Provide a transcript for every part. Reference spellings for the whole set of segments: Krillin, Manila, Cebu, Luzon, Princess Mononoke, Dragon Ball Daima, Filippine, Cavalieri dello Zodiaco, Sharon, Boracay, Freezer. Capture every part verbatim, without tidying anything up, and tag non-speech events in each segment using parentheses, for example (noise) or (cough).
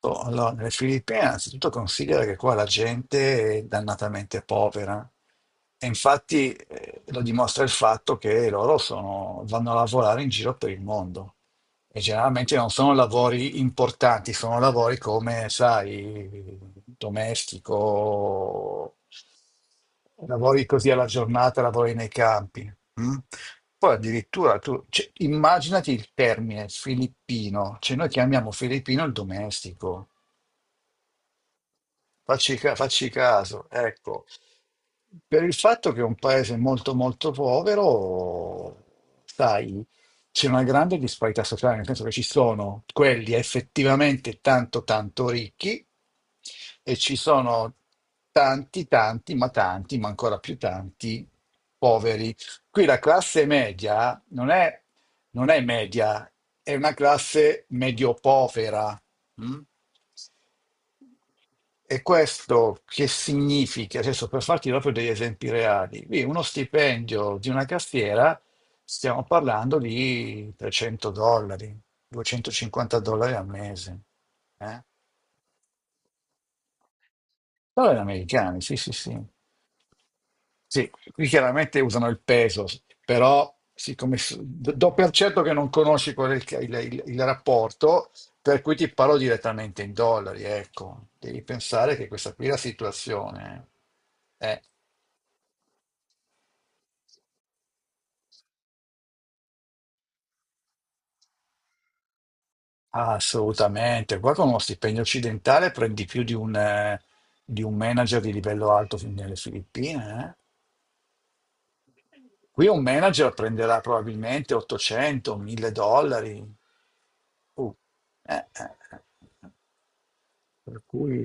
Oh, allora, nelle Filippine, innanzitutto considera che qua la gente è dannatamente povera e infatti eh, lo dimostra il fatto che loro sono- vanno a lavorare in giro per il mondo e generalmente non sono lavori importanti, sono lavori come, sai, domestico, lavori così alla giornata, lavori nei campi. Mm? Poi addirittura tu, cioè, immaginati il termine filippino, cioè noi chiamiamo filippino il domestico. Facci, ca- facci caso, ecco, per il fatto che è un paese molto molto povero, sai, c'è una grande disparità sociale, nel senso che ci sono quelli effettivamente tanto tanto ricchi e ci sono tanti tanti, ma tanti, ma ancora più tanti poveri. Qui la classe media non è, non è media, è una classe medio-povera. Mm? E questo che significa? Adesso per farti proprio degli esempi reali, qui uno stipendio di una cassiera, stiamo parlando di trecento dollari, duecentocinquanta dollari al mese. Eh? Dollari americani, sì, sì, sì. Sì, qui chiaramente usano il peso, però siccome s- d- do per certo che non conosci qual è il, il- il- il rapporto, per cui ti parlo direttamente in dollari, ecco. Devi pensare che questa qui è la situazione. Eh, assolutamente. Qua con uno stipendio occidentale prendi più di un, eh, di un manager di livello alto fin nelle Filippine, eh. Qui un manager prenderà probabilmente ottocento, mille dollari. Uh, eh, eh, eh. eh. Per cui...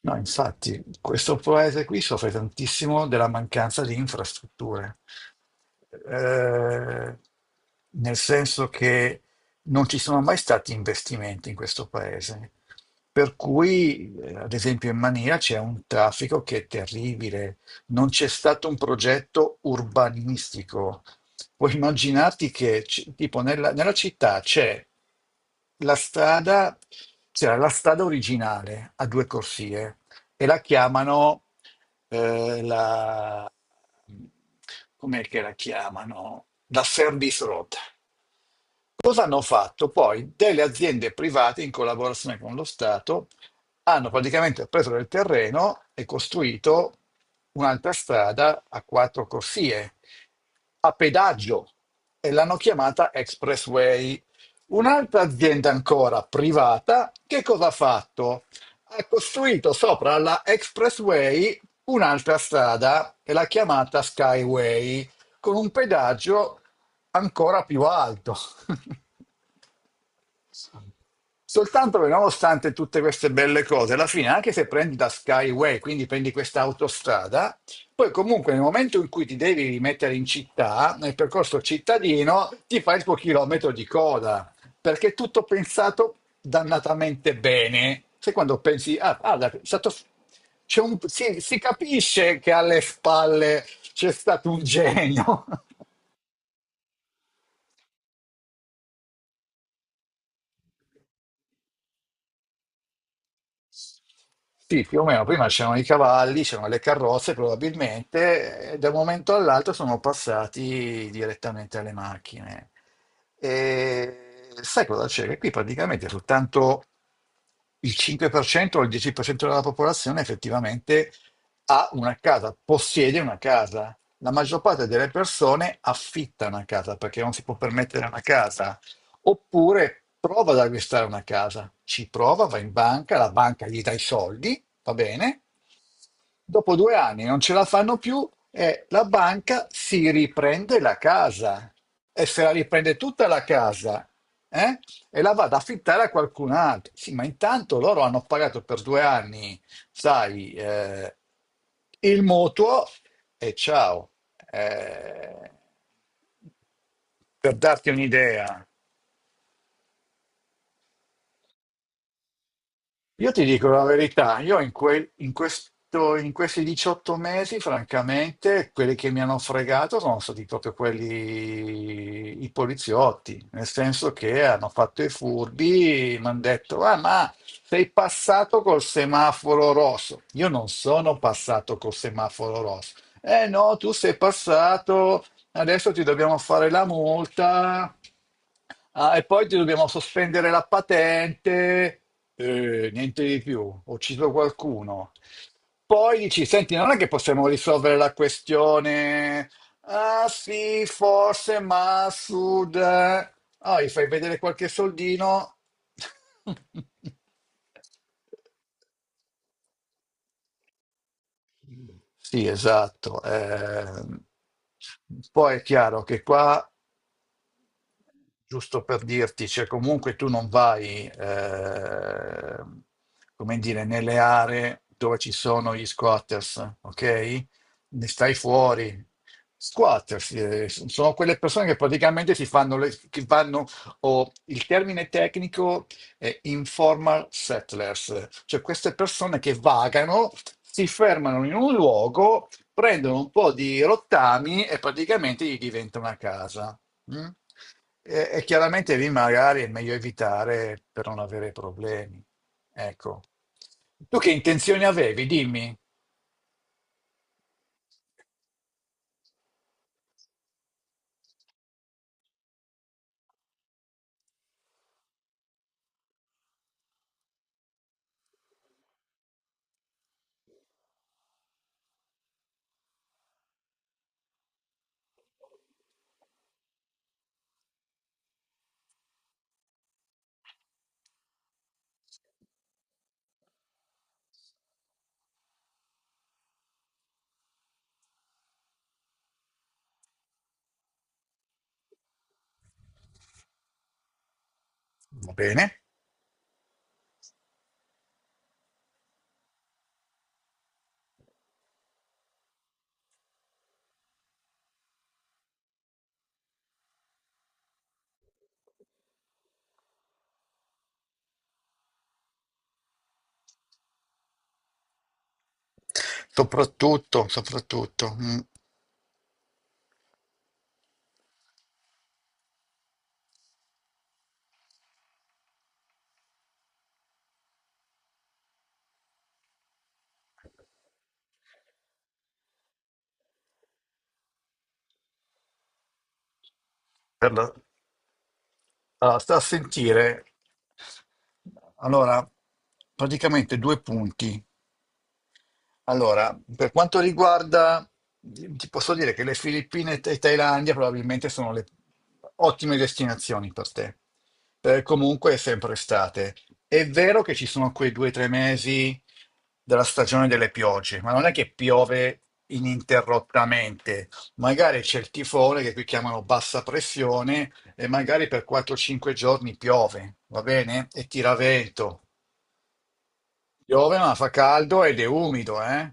No, infatti, questo paese qui soffre tantissimo della mancanza di infrastrutture. Eh, Nel senso che non ci sono mai stati investimenti in questo paese, per cui, eh, ad esempio, in Mania c'è un traffico che è terribile, non c'è stato un progetto urbanistico. Puoi immaginarti che, ci- tipo, nella, nella città c'è la strada, c'era la strada originale a due corsie e la chiamano eh, la... com'è che la chiamano? La service road. Cosa hanno fatto? Poi delle aziende private in collaborazione con lo Stato hanno praticamente preso del terreno e costruito un'altra strada a quattro corsie a pedaggio e l'hanno chiamata Expressway. Un'altra azienda ancora privata, che cosa ha fatto? Ha costruito sopra la Expressway un'altra strada e l'ha chiamata Skyway con un pedaggio ancora più alto. (laughs) Soltanto che nonostante tutte queste belle cose, alla fine, anche se prendi la Skyway, quindi prendi questa autostrada, poi comunque nel momento in cui ti devi rimettere in città, nel percorso cittadino, ti fai il tuo chilometro di coda, perché è tutto pensato dannatamente bene. Sai quando pensi, ah, guarda, è stato- c'è un- si, si capisce che alle spalle c'è stato un genio. (laughs) Sì, più o meno, prima c'erano i cavalli, c'erano le carrozze probabilmente, e da un momento all'altro sono passati direttamente alle macchine. E sai cosa c'è? Che qui praticamente soltanto il cinque per cento o il dieci per cento della popolazione effettivamente ha una casa, possiede una casa. La maggior parte delle persone affitta una casa perché non si può permettere una casa. Oppure prova ad acquistare una casa, ci prova, va in banca, la banca gli dà i soldi, va bene? Dopo due anni non ce la fanno più e la banca si riprende la casa e se la riprende tutta la casa, eh? E la va ad affittare a qualcun altro. Sì, ma intanto loro hanno pagato per due anni, sai, eh, il mutuo e ciao. Eh, per darti un'idea. Io ti dico la verità, io in, quel- in questo- in questi diciotto mesi, francamente, quelli che mi hanno fregato sono stati proprio quelli, i poliziotti, nel senso che hanno fatto i furbi, mi hanno detto, ah, ma sei passato col semaforo rosso. Io non sono passato col semaforo rosso. Eh no, tu sei passato. Adesso ti dobbiamo fare la multa, ah, e poi ti dobbiamo sospendere la patente, eh, niente di più, ho ucciso qualcuno. Poi dici, senti, non è che possiamo risolvere la questione, ah sì, forse, ma a sud, eh. Ah, gli fai vedere qualche soldino. (laughs) Sì, esatto. Ehm, poi è chiaro che qua giusto per dirti, cioè comunque tu non vai, eh, come dire, nelle aree dove ci sono gli squatters, ok? Ne stai fuori. Squatters, eh, sono quelle persone che praticamente si fanno, le, che vanno, o il termine tecnico è informal settlers, cioè queste persone che vagano, si fermano in un luogo, prendono un po' di rottami e praticamente gli diventa una casa. Mm? E, e chiaramente lì magari è meglio evitare per non avere problemi. Ecco. Tu che intenzioni avevi? Dimmi. Va bene. Soprattutto, soprattutto. mm, per la- ah, sta a sentire. Allora, praticamente due punti. Allora, per quanto riguarda, ti posso dire che le Filippine e Thailandia probabilmente sono le ottime destinazioni per te. Eh, comunque è sempre estate. È vero che ci sono quei due o tre mesi della stagione delle piogge, ma non è che piove ininterrottamente. Magari c'è il tifone che qui chiamano bassa pressione e magari per quattro o cinque giorni piove, va bene? E tira vento. Piove ma fa caldo ed è umido, eh?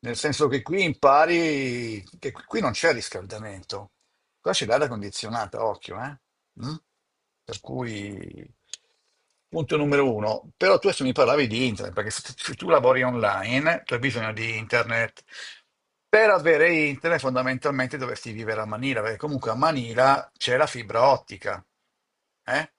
Nel senso che qui impari che qui non c'è riscaldamento. Qua c'è l'aria condizionata, occhio, eh? Mm? Per cui, punto numero uno. Però tu adesso mi parlavi di internet, perché se se tu lavori online, tu hai bisogno di internet. Per avere internet fondamentalmente dovresti vivere a Manila, perché comunque a Manila c'è la fibra ottica, eh?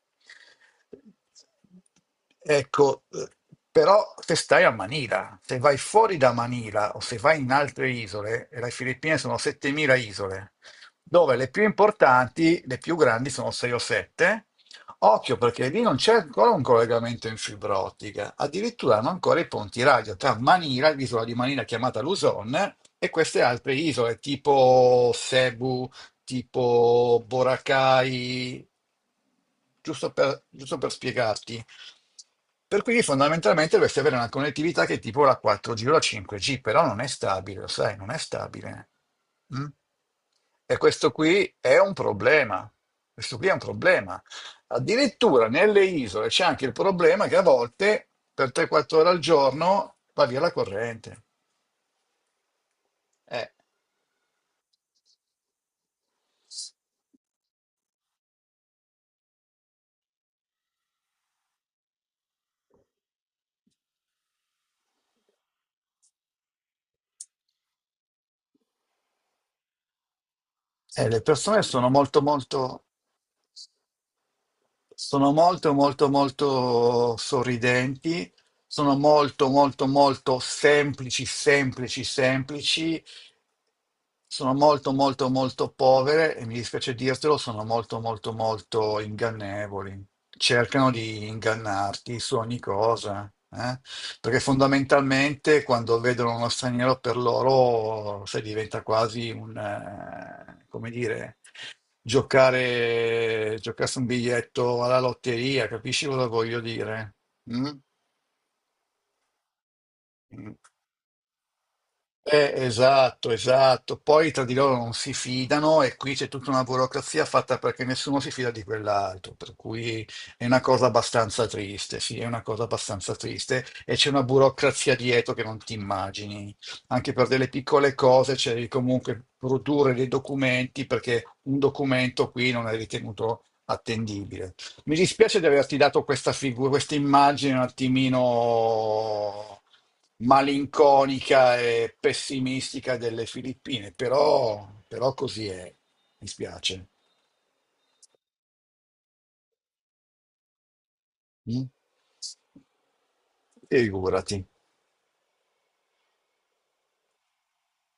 Ecco, eh, però se stai a Manila, se vai fuori da Manila o se vai in altre isole, e le Filippine sono settemila isole, dove le più importanti, le più grandi sono sei o sette. Occhio perché lì non c'è ancora un collegamento in fibra ottica, addirittura hanno ancora i ponti radio tra Manila, l'isola di Manila chiamata Luzon, e queste altre isole tipo Cebu, tipo Boracay, giusto per, giusto per spiegarti. Per cui fondamentalmente dovresti avere una connettività che è tipo la quattro G o la cinque G, però non è stabile, lo sai, non è stabile. Mm? E questo qui è un problema. Questo qui è un problema. Addirittura nelle isole c'è anche il problema che a volte per tre quattro ore al giorno va via la corrente. Eh. Eh, le persone sono molto molto Sono molto, molto, molto sorridenti, sono molto, molto, molto semplici, semplici, semplici, sono molto, molto, molto povere e mi dispiace dirtelo, sono molto, molto, molto ingannevoli. Cercano di ingannarti su ogni cosa, eh? Perché fondamentalmente quando vedono uno straniero per loro, sai, diventa quasi un, eh, come dire giocare, giocarsi un biglietto alla lotteria, capisci cosa voglio dire? Mm? Mm. Eh, esatto, esatto. Poi tra di loro non si fidano e qui c'è tutta una burocrazia fatta perché nessuno si fida di quell'altro, per cui è una cosa abbastanza triste, sì, è una cosa abbastanza triste e c'è una burocrazia dietro che non ti immagini. Anche per delle piccole cose c'è di comunque produrre dei documenti perché un documento qui non è ritenuto attendibile. Mi dispiace di averti dato questa figura, questa immagine un attimino malinconica e pessimistica delle Filippine, però, però così è. Mi spiace. Mm? Figurati.